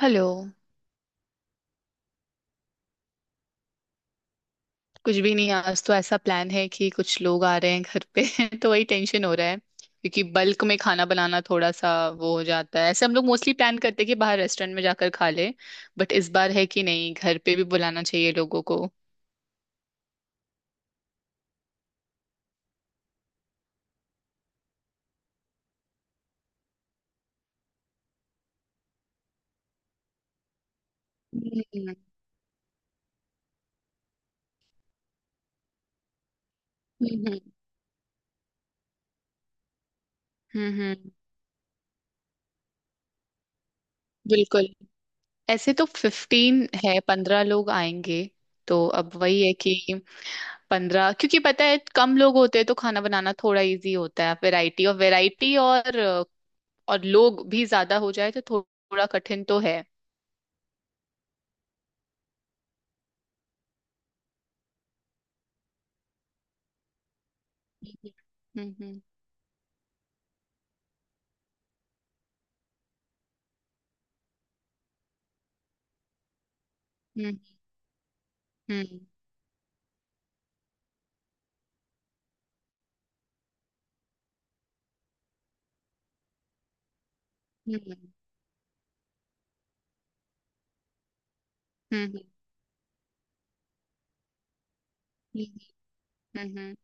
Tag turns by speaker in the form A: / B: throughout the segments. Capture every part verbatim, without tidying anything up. A: Hello. कुछ भी नहीं, आज तो ऐसा प्लान है कि कुछ लोग आ रहे हैं घर पे। तो वही टेंशन हो रहा है क्योंकि बल्क में खाना बनाना थोड़ा सा वो हो जाता है। ऐसे हम लोग मोस्टली प्लान करते हैं कि बाहर रेस्टोरेंट में जाकर खा ले। बट इस बार है कि नहीं, घर पे भी बुलाना चाहिए लोगों को। हम्म। हम्म। हम्म। हम्म, बिल्कुल। ऐसे तो फिफ्टीन है, पंद्रह लोग आएंगे। तो अब वही है कि पंद्रह, क्योंकि पता है कम लोग होते हैं तो खाना बनाना थोड़ा इजी होता है, वैरायटी। और वैरायटी और और लोग भी ज्यादा हो जाए तो थोड़ा कठिन तो है। हम्म। हम्म। हम्म। हम्म। हम्म। हम्म। हम्म।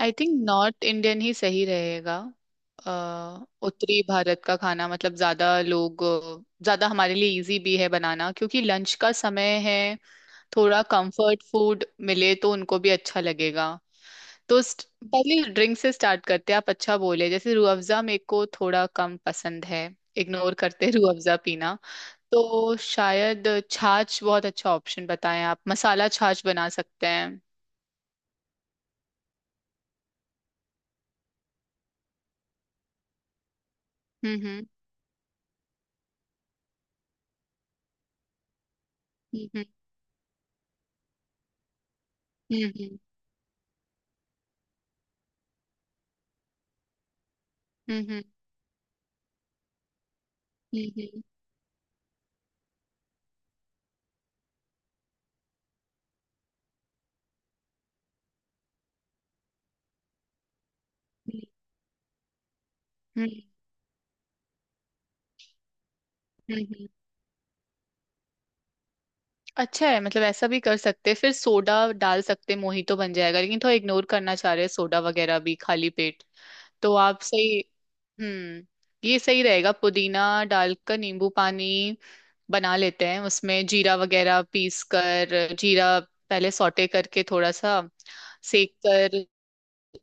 A: आई थिंक नॉर्थ इंडियन ही सही रहेगा। अ, उत्तरी भारत का खाना, मतलब ज्यादा लोग, ज्यादा हमारे लिए इजी भी है बनाना क्योंकि लंच का समय है। थोड़ा कंफर्ट फूड मिले तो उनको भी अच्छा लगेगा। तो स्ट- पहले ड्रिंक से स्टार्ट करते हैं। आप अच्छा बोले, जैसे रूह अफ़ज़ा मेरे को थोड़ा कम पसंद है। इग्नोर करते हैं रूह अफ़ज़ा पीना। तो शायद छाछ बहुत अच्छा ऑप्शन। बताएं, आप मसाला छाछ बना सकते हैं। हम्म। हम्म। हम्म। हम्म। हम्म। हम्म। हम्म। हम्म। अच्छा है, मतलब ऐसा भी कर सकते हैं, फिर सोडा डाल सकते हैं, मोहितो बन जाएगा। लेकिन थोड़ा इग्नोर करना चाह रहे हैं सोडा वगैरह भी खाली पेट। तो आप सही। हम्म। ये सही रहेगा, पुदीना डालकर नींबू पानी बना लेते हैं, उसमें जीरा वगैरह पीस कर, जीरा पहले सौटे करके थोड़ा सा सेक कर,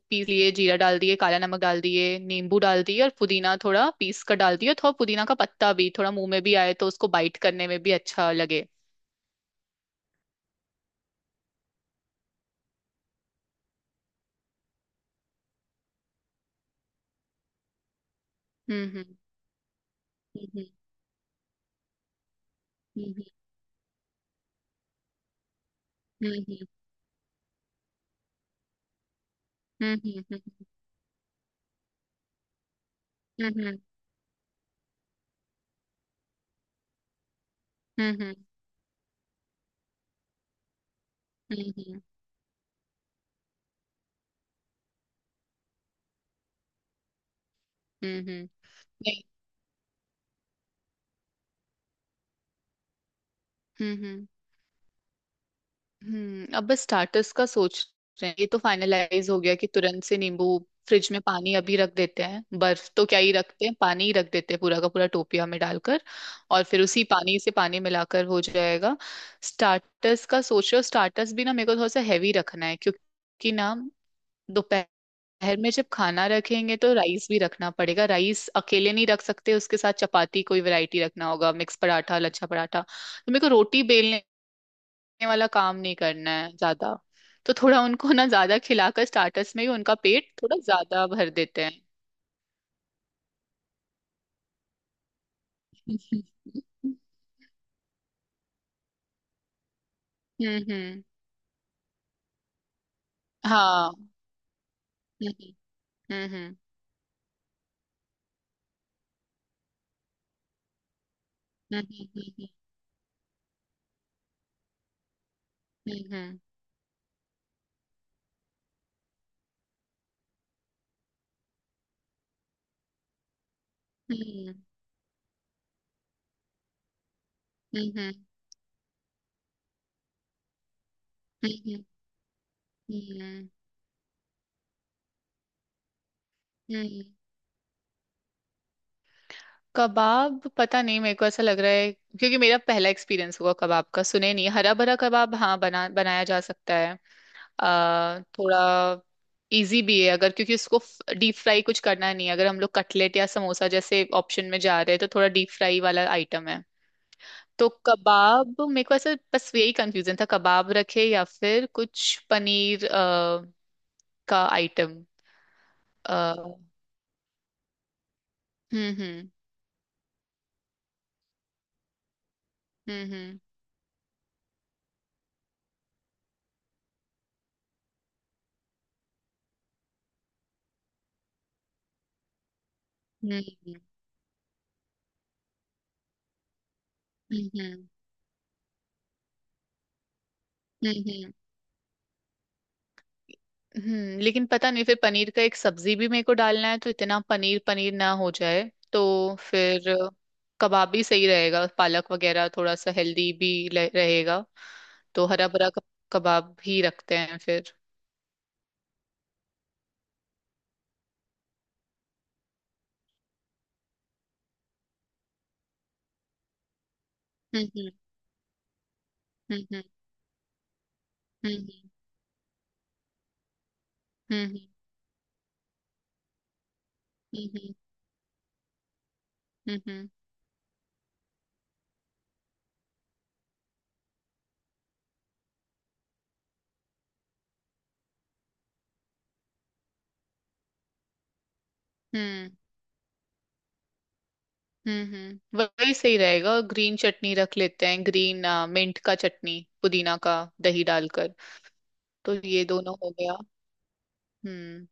A: पीस लिए, जीरा डाल दिए, काला नमक डाल दिए, नींबू डाल दिए और पुदीना थोड़ा पीस कर डाल दिए। थोड़ा पुदीना का पत्ता भी थोड़ा मुंह में भी आए तो उसको बाइट करने में भी अच्छा लगे। हम्म। हम्म। हम्म। हम्म। हम्म। हम्म। हम्म। हम्म। हम्म। हम्म। हम्म। हम्म। हम्म। हम्म। हम्म। हम्म, नहीं। हम्म। हम्म। हम्म। अब बस स्टार्टर्स का सोच रहे हैं। ये तो फाइनलाइज हो गया कि तुरंत से नींबू, फ्रिज में पानी अभी रख देते हैं। बर्फ तो क्या ही रखते हैं, पानी ही रख देते हैं पूरा का पूरा टोपिया में डालकर, और फिर उसी पानी से पानी मिलाकर हो जाएगा। स्टार्टर्स का सोच रहे हो। स्टार्टर्स भी ना मेरे को थोड़ा सा हैवी रखना है, क्योंकि ना दोपहर में जब खाना रखेंगे तो राइस भी रखना पड़ेगा। राइस अकेले नहीं रख सकते, उसके साथ चपाती कोई वैरायटी रखना होगा, मिक्स पराठा, लच्छा पराठा। तो मेरे को रोटी बेलने वाला काम नहीं करना है ज्यादा। तो थोड़ा उनको ना, ज्यादा खिलाकर स्टार्टर्स में ही उनका पेट थोड़ा ज्यादा भर देते हैं। हम्म। हम्म। हाँ। हम्म। हम्म। हम्म। हम्म। हम्म। हम्म। कबाब पता नहीं, मेरे को ऐसा लग रहा है क्योंकि मेरा पहला एक्सपीरियंस हुआ कबाब का, सुने नहीं? हरा भरा कबाब हाँ बना बनाया जा सकता है। अ, थोड़ा इजी भी है अगर, क्योंकि उसको डीप फ्राई कुछ करना नहीं है। अगर हम लोग कटलेट या समोसा जैसे ऑप्शन में जा रहे हैं तो थोड़ा डीप फ्राई वाला आइटम है। तो कबाब मेरे को ऐसे, बस यही कंफ्यूजन था, कबाब रखे या फिर कुछ पनीर अ, का आइटम। हम्म। हम्म। हम्म। हम्म। हम्म। हम्म। हम्म। हम्म। हम्म। लेकिन पता नहीं, फिर पनीर का एक सब्जी भी मेरे को डालना है तो इतना पनीर पनीर ना हो जाए। तो फिर कबाब भी सही रहेगा, पालक वगैरह थोड़ा सा हेल्दी भी ले- रहेगा। तो हरा भरा क- कबाब ही रखते हैं फिर। हम्म। हम्म। हम्म। हम्म। हम्म। हम्म। हम्म। हम्म। हम्म। हम्म। हम्म, वही सही रहेगा। ग्रीन चटनी रख लेते हैं, ग्रीन मिंट का चटनी, पुदीना का दही डालकर। तो ये दोनों हो गया। हम्म।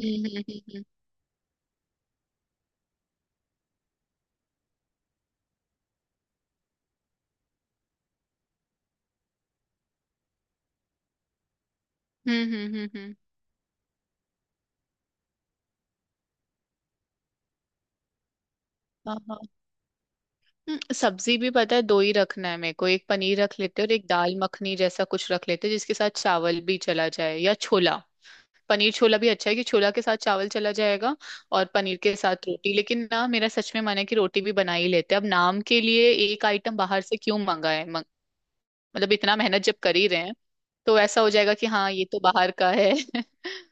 A: हम्म। हम्म। हम्म। हम्म। हम्म। हम्म। हम्म, हाँ हाँ। हम्म, सब्जी भी पता है दो ही रखना है मेरे को। एक पनीर रख लेते हैं और एक दाल मखनी जैसा कुछ रख लेते हैं जिसके साथ चावल भी चला जाए, या छोला। पनीर छोला भी अच्छा है, कि छोला के साथ चावल चला जाएगा और पनीर के साथ रोटी। लेकिन ना मेरा सच में मन है कि रोटी भी बना ही लेते हैं। अब नाम के लिए एक आइटम बाहर से क्यों मंगाए मंग, मतलब इतना मेहनत जब कर ही रहे हैं, तो ऐसा हो जाएगा कि हाँ ये तो बाहर का है।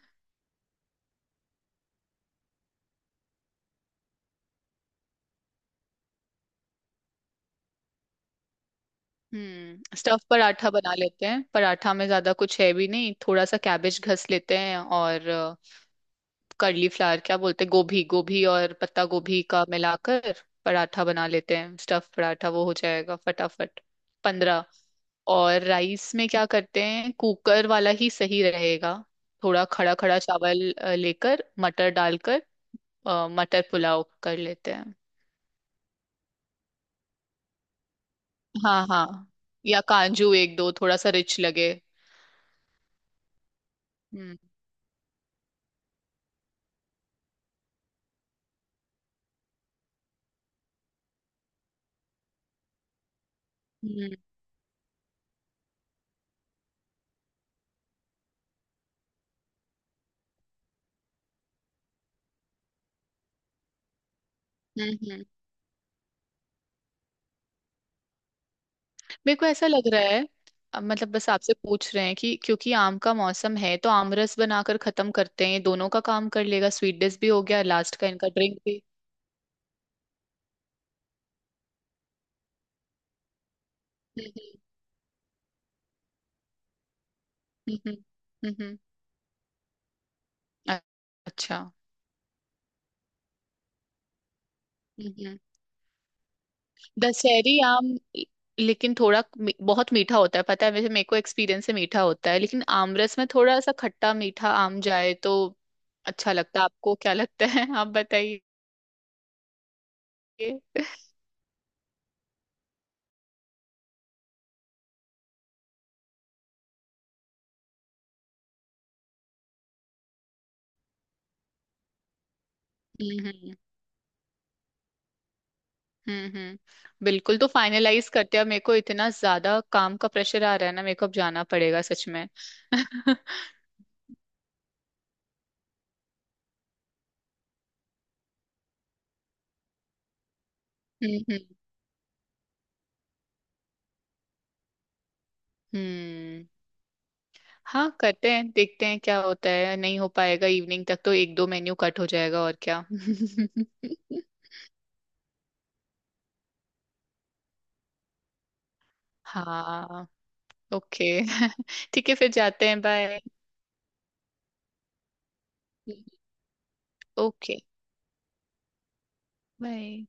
A: हम्म। स्टफ पराठा बना लेते हैं, पराठा में ज्यादा कुछ है भी नहीं, थोड़ा सा कैबेज घस लेते हैं और कर्ली फ्लावर क्या बोलते हैं, गोभी, गोभी और पत्ता गोभी का मिलाकर पराठा बना लेते हैं। स्टफ पराठा वो हो जाएगा फटाफट। पंद्रह। और राइस में क्या करते हैं, कुकर वाला ही सही रहेगा। थोड़ा खड़ा खड़ा चावल अ, लेकर मटर डालकर अ, मटर पुलाव कर लेते हैं। हाँ हाँ, या काजू एक दो, थोड़ा सा रिच लगे। हम्म। हम्म। हम्म। हम्म। मेरे को ऐसा लग रहा है, अ, मतलब बस आपसे पूछ रहे हैं कि क्योंकि आम का मौसम है तो आम रस बनाकर खत्म करते हैं, ये दोनों का काम कर लेगा, स्वीट डिश भी हो गया लास्ट का, इनका ड्रिंक भी। हम्म। हम्म। हम्म। हम्म, हम्म, अ- अच्छा। हम्म। दशहरी आम ल- लेकिन थोड़ा मी- बहुत मीठा होता है, पता है वैसे मेरे को एक्सपीरियंस से मीठा होता है। लेकिन आम रस में थोड़ा सा खट्टा मीठा आम जाए तो अच्छा लगता है। आपको क्या लगता है? आप बताइए। हम्म। हम्म। हम्म। बिल्कुल, तो फाइनलाइज करते हैं अब। मेरे को इतना ज्यादा काम का प्रेशर आ रहा है ना, मेरे को अब जाना पड़ेगा सच में। हम्म। हम्म। हम्म। हाँ करते हैं, देखते हैं क्या होता है, नहीं हो पाएगा इवनिंग तक तो एक दो मेन्यू कट हो जाएगा, और क्या। हाँ। ओके। ठीक है, फिर जाते हैं। बाय। ओके। बाय।